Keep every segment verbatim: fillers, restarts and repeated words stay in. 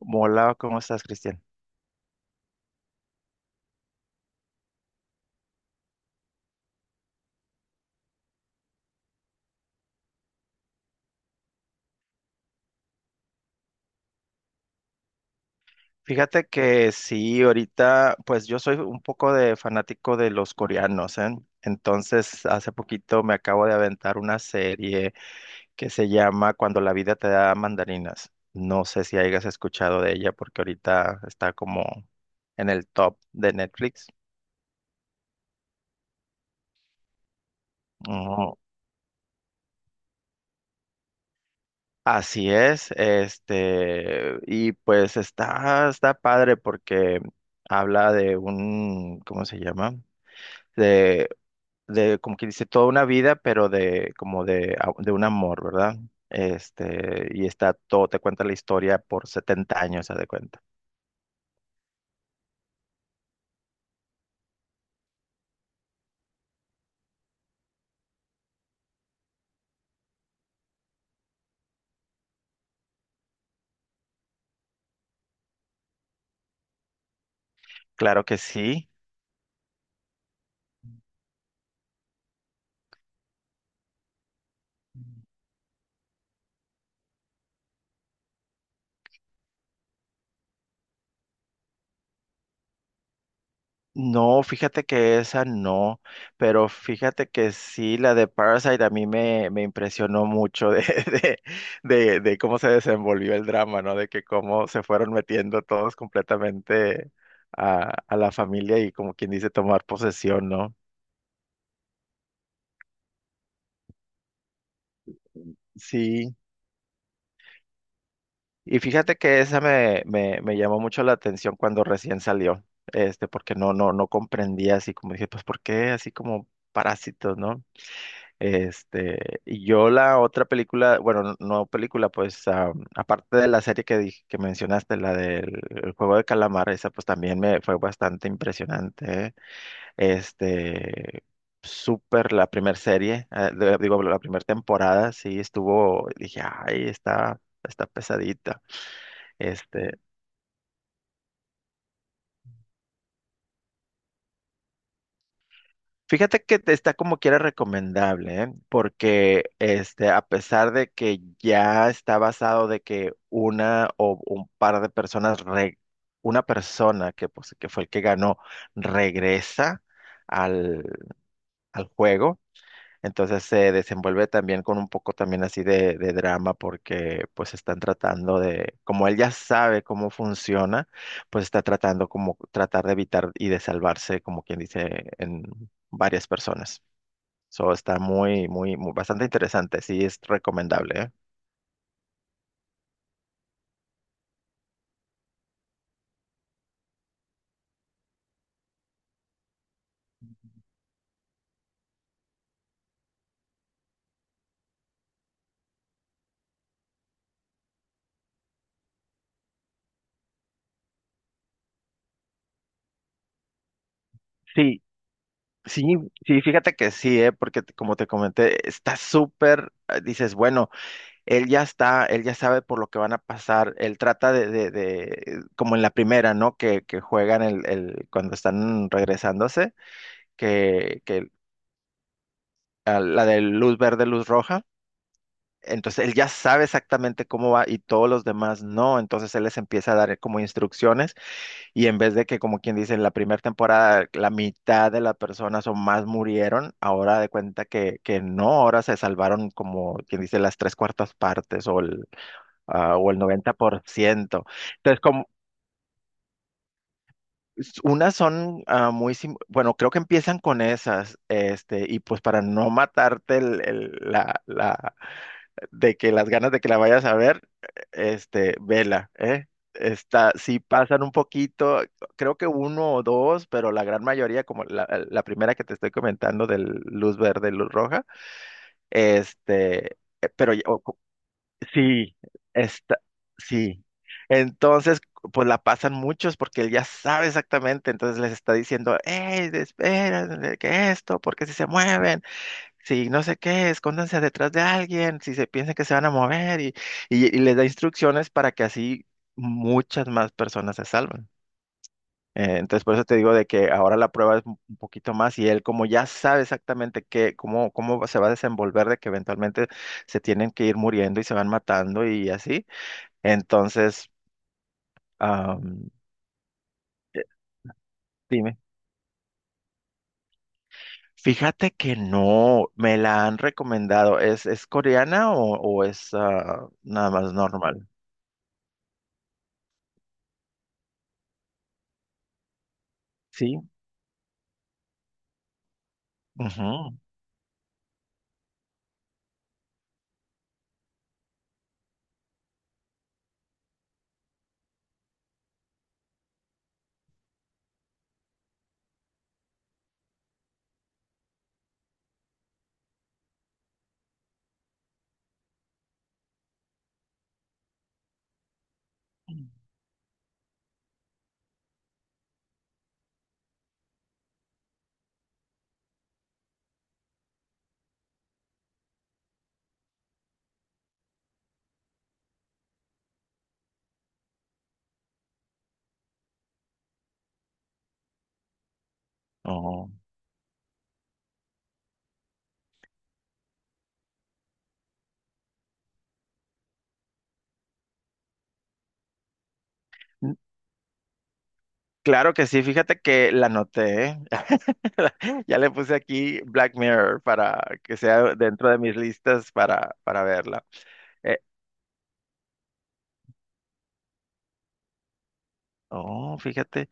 Hola, ¿cómo estás, Cristian? Fíjate que sí, ahorita, pues yo soy un poco de fanático de los coreanos, ¿eh? Entonces, hace poquito me acabo de aventar una serie que se llama Cuando la vida te da mandarinas. No sé si hayas escuchado de ella porque ahorita está como en el top de Netflix. Ujú. Así es, este, y pues está, está padre porque habla de un, ¿cómo se llama? de, como que dice, toda una vida, pero de, como de, a- de un amor, ¿verdad? Este, y está todo, te cuenta la historia por setenta años, haz de cuenta. Claro que sí. No, fíjate que esa no, pero fíjate que sí, la de Parasite a mí me, me impresionó mucho de, de, de, de cómo se desenvolvió el drama, ¿no? De que cómo se fueron metiendo todos completamente a, a la familia y como quien dice tomar posesión, ¿no? Sí. Y fíjate que esa me, me, me llamó mucho la atención cuando recién salió, este, porque no, no, no comprendía así como dije, pues, ¿por qué así como parásitos, no? Este, y yo la otra película, bueno, no no película, pues, ah, aparte de la serie que dije, que mencionaste, la del el Juego de Calamar, esa pues también me fue bastante impresionante, ¿eh? Este, súper la primera serie, ah, de- digo, la primera temporada, sí, estuvo, dije, ay, está, está pesadita. Este, fíjate que te está como quiera recomendable, ¿eh? Porque este, a pesar de que ya está basado de que una o un par de personas, re- una persona que, pues, que fue el que ganó, regresa al, al juego, entonces se desenvuelve también con un poco también así de, de drama porque pues están tratando de, como él ya sabe cómo funciona, pues está tratando como tratar de evitar y de salvarse, como quien dice, en varias personas. So, está muy, muy, muy, bastante interesante. Sí, es recomendable, ¿eh? Sí, sí, sí, fíjate que sí, ¿eh? Porque te- como te comenté, está súper, eh, dices, bueno, él ya está, él ya sabe por lo que van a pasar. Él trata de, de, de, como en la primera, ¿no? Que, que juegan el, el, cuando están regresándose, que, que a la de luz verde, luz roja. Entonces él ya sabe exactamente cómo va y todos los demás no. Entonces él les empieza a dar como instrucciones. Y en vez de que, como quien dice, en la primera temporada la mitad de las personas o más murieron, ahora de cuenta que, que no, ahora se salvaron como quien dice las tres cuartas partes o el, ah, o el noventa por ciento. Entonces, s- unas son ah, muy, sim- bueno, creo que empiezan con esas, este, y pues para no matarte el, el- la, la, de que las ganas de que la vayas a ver, e, este, vela, ¿eh? Está, sí pasan un poquito, creo que uno o dos, pero la gran mayoría, como la, la primera que te estoy comentando del luz verde, luz roja, este, eh, pero ya- o- sí, está, sí. Entonces, pues la pasan muchos porque él ya sabe exactamente, entonces les está diciendo, hey, espera, que esto, porque si se mueven, si no sé qué, escóndanse detrás de alguien, si se piensan que se van a mover, y, y, y les da instrucciones para que así muchas más personas se salven. Eh, entonces, por eso te digo de que ahora la prueba es un un poquito más y él como ya sabe exactamente qué, cómo, cómo se va a desenvolver, de que eventualmente se tienen que ir muriendo y se van matando y así. Entonces, am, eh, dime, fíjate que no, me la han recomendado. ¿Es, es coreana o, o es ah, nada más normal? Sí. Ujú. Oh. N- Claro que sí, fíjate que la noté. Ya le puse aquí Black Mirror para que sea dentro de mis listas para, para verla. Eh, oh, fíjate.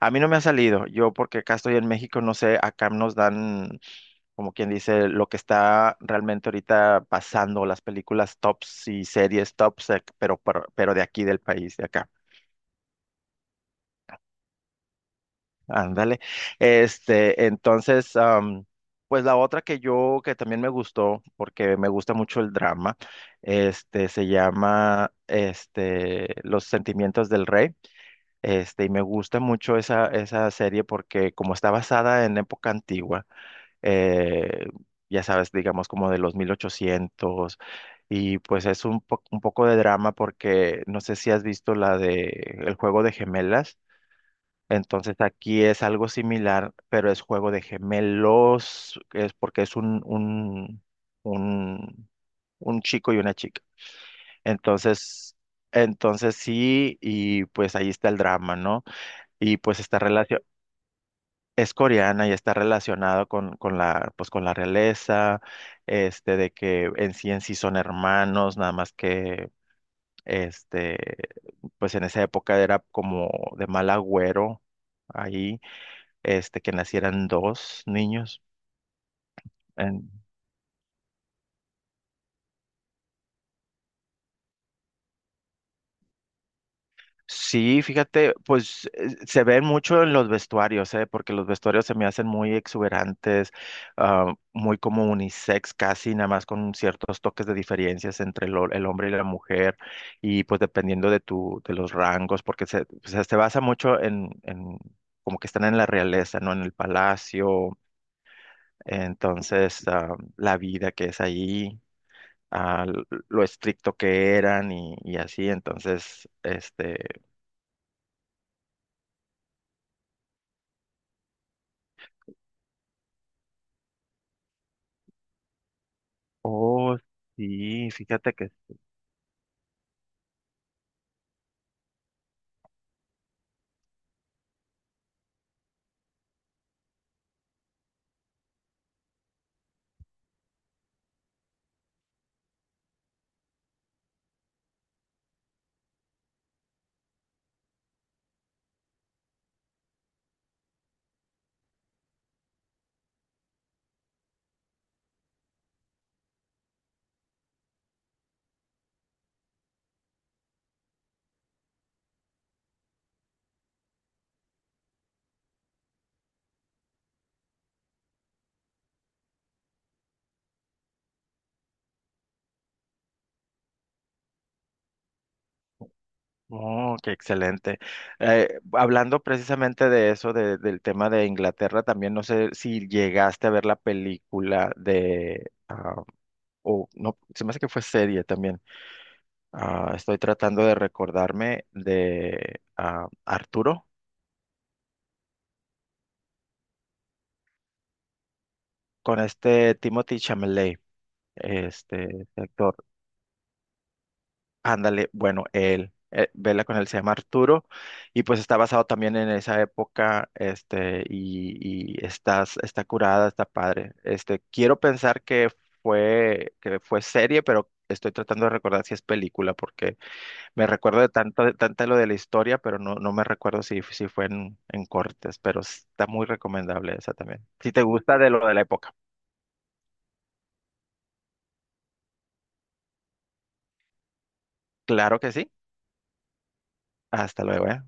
A mí no me ha salido, yo porque acá estoy en México, no sé, acá nos dan, como quien dice, lo que está realmente ahorita pasando, las películas tops y series tops, eh, pero, pero, pero de aquí del país, de acá. Ándale. Este, entonces, am, pues la otra que yo, que también me gustó, porque me gusta mucho el drama, este, se llama, este, Los sentimientos del rey, este, y me gusta mucho esa, esa serie porque como está basada en época antigua, eh, ya sabes, digamos como de los mil ochocientos, y pues es un, po- un poco de drama porque no sé si has visto la de El juego de gemelas, entonces aquí es algo similar, pero es juego de gemelos, es porque es un, un, un, un chico y una chica. Entonces, entonces sí, y pues ahí está el drama, ¿no? Y pues está relacionado, es coreana y está relacionado con, con la, pues con la realeza, este, de que en sí en sí son hermanos, nada más que, este, pues en esa época era como de mal agüero ahí, este, que nacieran dos niños. Sí, fíjate, pues eh, se ven mucho en los vestuarios, ¿eh? Porque los vestuarios se me hacen muy exuberantes, ah, muy como unisex casi, nada más con ciertos toques de diferencias entre el, ho- el hombre y la mujer, y pues dependiendo de tu, de los rangos, porque se, o sea, se basa mucho en, en como que están en la realeza, ¿no? En el palacio, entonces ah, la vida que es ahí, ah, l- lo estricto que eran y, y así, entonces, este, oh, sí, fíjate que, oh, qué excelente. Eh, hablando precisamente de eso, de- del tema de Inglaterra, también no sé si llegaste a ver la película de, ah, o no, se me hace que fue serie también. Ah, estoy tratando de recordarme de ah, Arturo con este Timothy Chalamet, este este actor. Ándale, bueno, él, eh, vela con él, se llama Arturo, y pues está basado también en esa época, este, y, y está, está curada, está padre. Este, quiero pensar que fue, que fue serie, pero estoy tratando de recordar si es película, porque me recuerdo de tanto, de tanto lo de la historia, pero no, no me recuerdo si, si fue en, en cortes, pero está muy recomendable esa también. Si te gusta de lo de la época, claro que sí. Hasta luego, ¿eh?